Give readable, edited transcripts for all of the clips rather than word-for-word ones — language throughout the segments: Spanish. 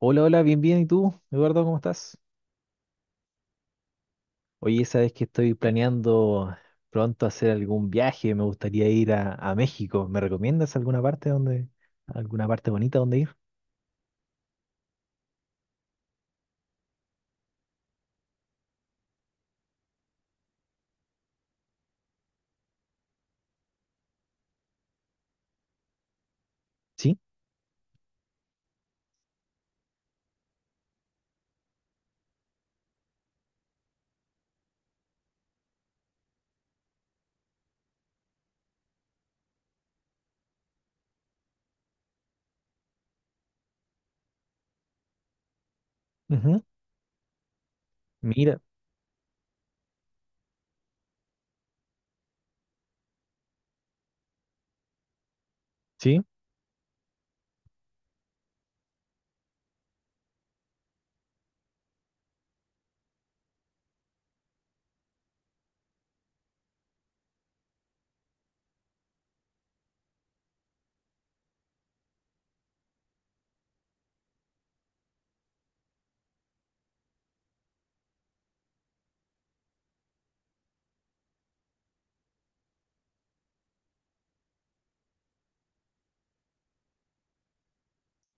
Hola, hola, bien, bien. ¿Y tú, Eduardo, cómo estás? Oye, sabes que estoy planeando pronto hacer algún viaje. Me gustaría ir a México. ¿Me recomiendas alguna parte donde, alguna parte bonita donde ir? Sí. Ujú. Mira, sí.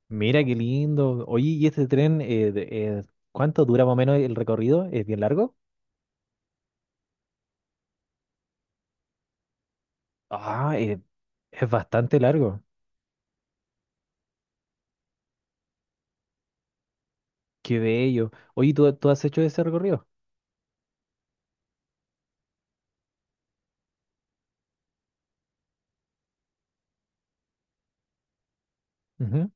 Mira qué lindo. Oye, ¿y este tren, eh, cuánto dura más o menos el recorrido? ¿Es bien largo? Ah, eh, es bastante largo. Qué bello. Oye, ¿tú has hecho ese recorrido? Ujú.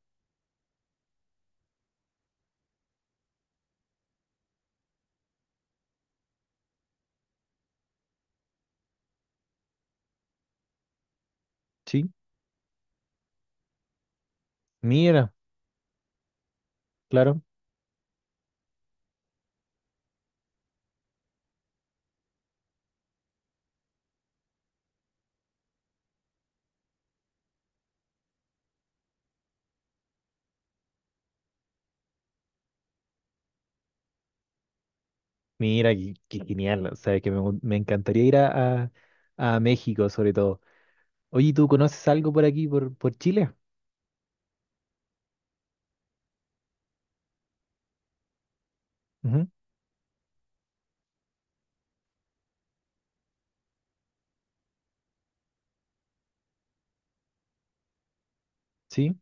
Sí. Mira, claro. Mira, qué, qué genial. O sea, que me encantaría ir a México sobre todo. Oye, ¿tú conoces algo por aquí, por Chile? Ujú. Sí.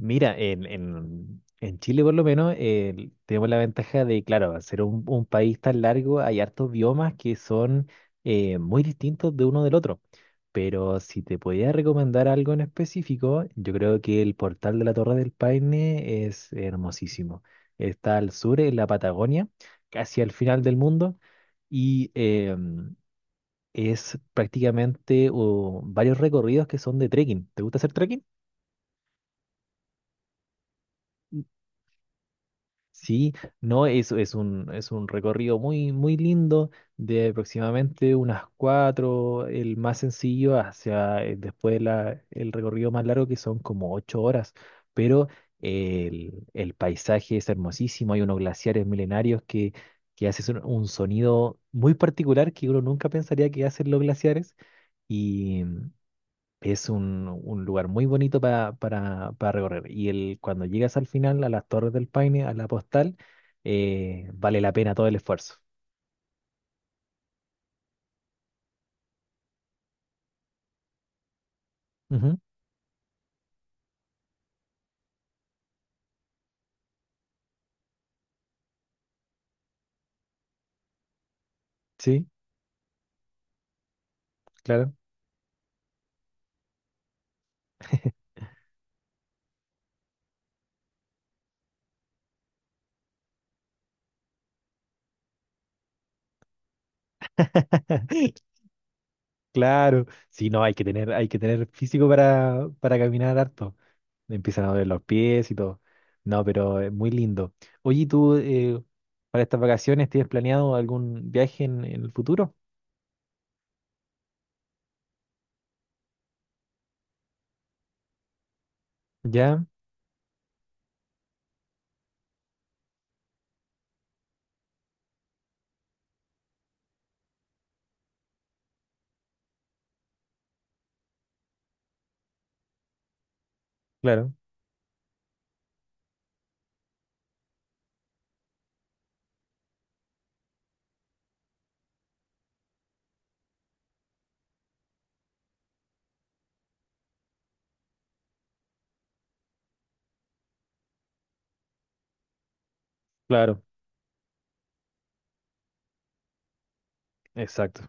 Mira, en Chile por lo menos tenemos la ventaja de, claro, al ser un país tan largo, hay hartos biomas que son muy distintos de uno del otro. Pero si te podía recomendar algo en específico, yo creo que el portal de la Torre del Paine es hermosísimo. Está al sur, en la Patagonia, casi al final del mundo, y es prácticamente varios recorridos que son de trekking. ¿Te gusta hacer trekking? Sí, no, es un recorrido muy, muy lindo de aproximadamente unas cuatro, el más sencillo, hacia después el recorrido más largo que son como ocho horas, pero el paisaje es hermosísimo, hay unos glaciares milenarios que hacen un sonido muy particular que uno nunca pensaría que hacen los glaciares. Es un lugar muy bonito para recorrer. Y el, cuando llegas al final, a las Torres del Paine, a la postal, vale la pena todo el esfuerzo. Ujú. Sí, claro. Claro. Sí, no, hay que tener físico para caminar harto. Me empiezan a doler los pies y todo. No, pero es muy lindo. Oye, ¿y tú, para estas vacaciones tienes planeado algún viaje en el futuro? Ya, claro, claro, exacto.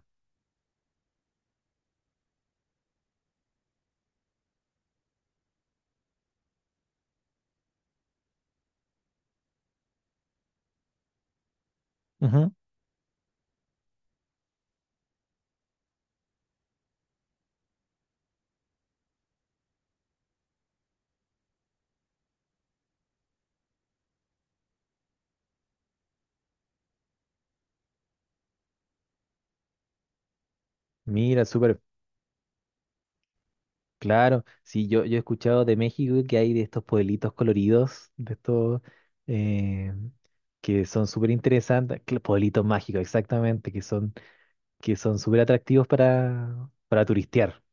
Ujú. Mira, súper. Claro, sí, yo he escuchado de México que hay de estos pueblitos coloridos, de estos eh, que son súper interesantes, pueblitos mágicos, exactamente, que son súper atractivos para turistear.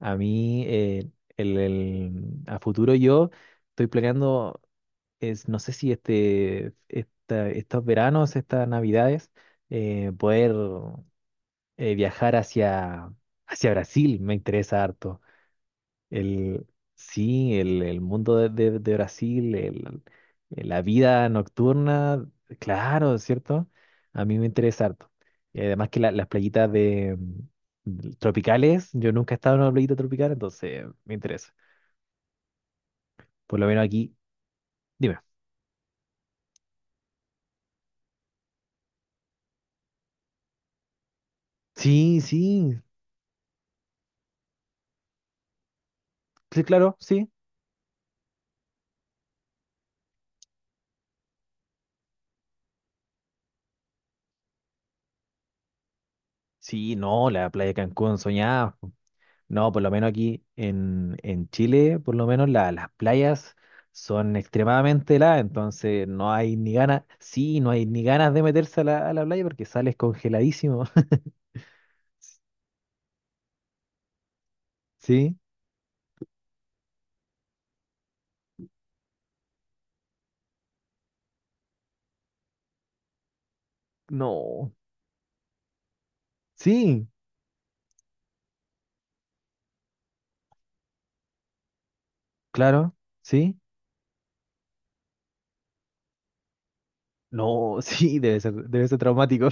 A mí, a futuro yo estoy planeando, es, no sé si estos veranos, estas navidades, poder viajar hacia, hacia Brasil, me interesa harto. El, sí, el mundo de, de Brasil, la vida nocturna, claro, ¿cierto? A mí me interesa harto. Y además que las playitas de, mm, tropicales, yo nunca he estado en una playita tropical, entonces me interesa. Por lo menos aquí, dime. Sí, sí, sí, claro, sí. Sí, no, la playa de Cancún soñada. No, por lo menos aquí en Chile, por lo menos las playas son extremadamente heladas, entonces no hay ni ganas, sí, no hay ni ganas de meterse a la playa porque sales congeladísimo. ¿Sí? No. Sí, claro, sí. No, sí, debe ser traumático.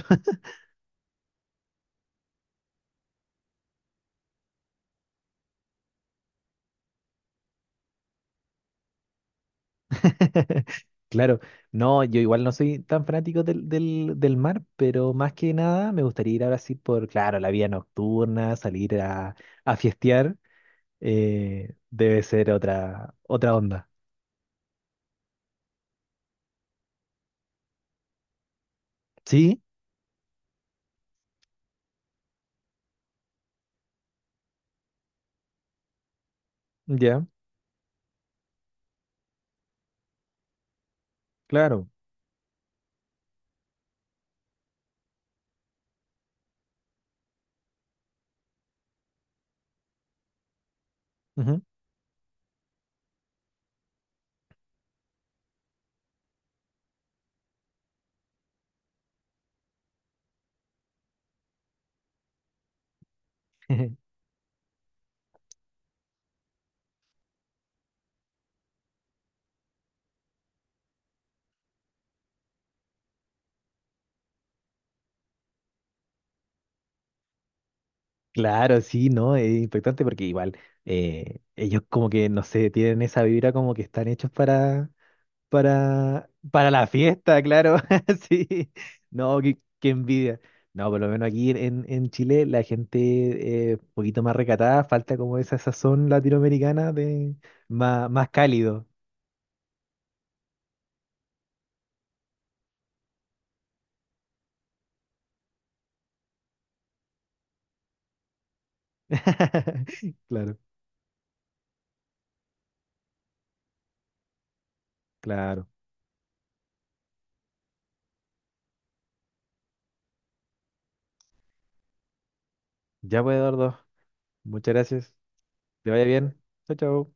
Claro, no, yo igual no soy tan fanático del mar, pero más que nada me gustaría ir a Brasil por, claro, la vida nocturna, salir a fiestear. Debe ser otra, otra onda. Sí, ya, claro. Ujú. Claro, sí, ¿no? Es impactante porque igual ellos como que, no sé, tienen esa vibra como que están hechos para la fiesta, claro. Sí, no, qué, qué envidia. No, por lo menos aquí en Chile la gente es un poquito más recatada, falta como esa sazón latinoamericana de más, más cálido. Claro, claro. Ya pues, Eduardo. Muchas gracias. Que vaya bien. Chao, chao.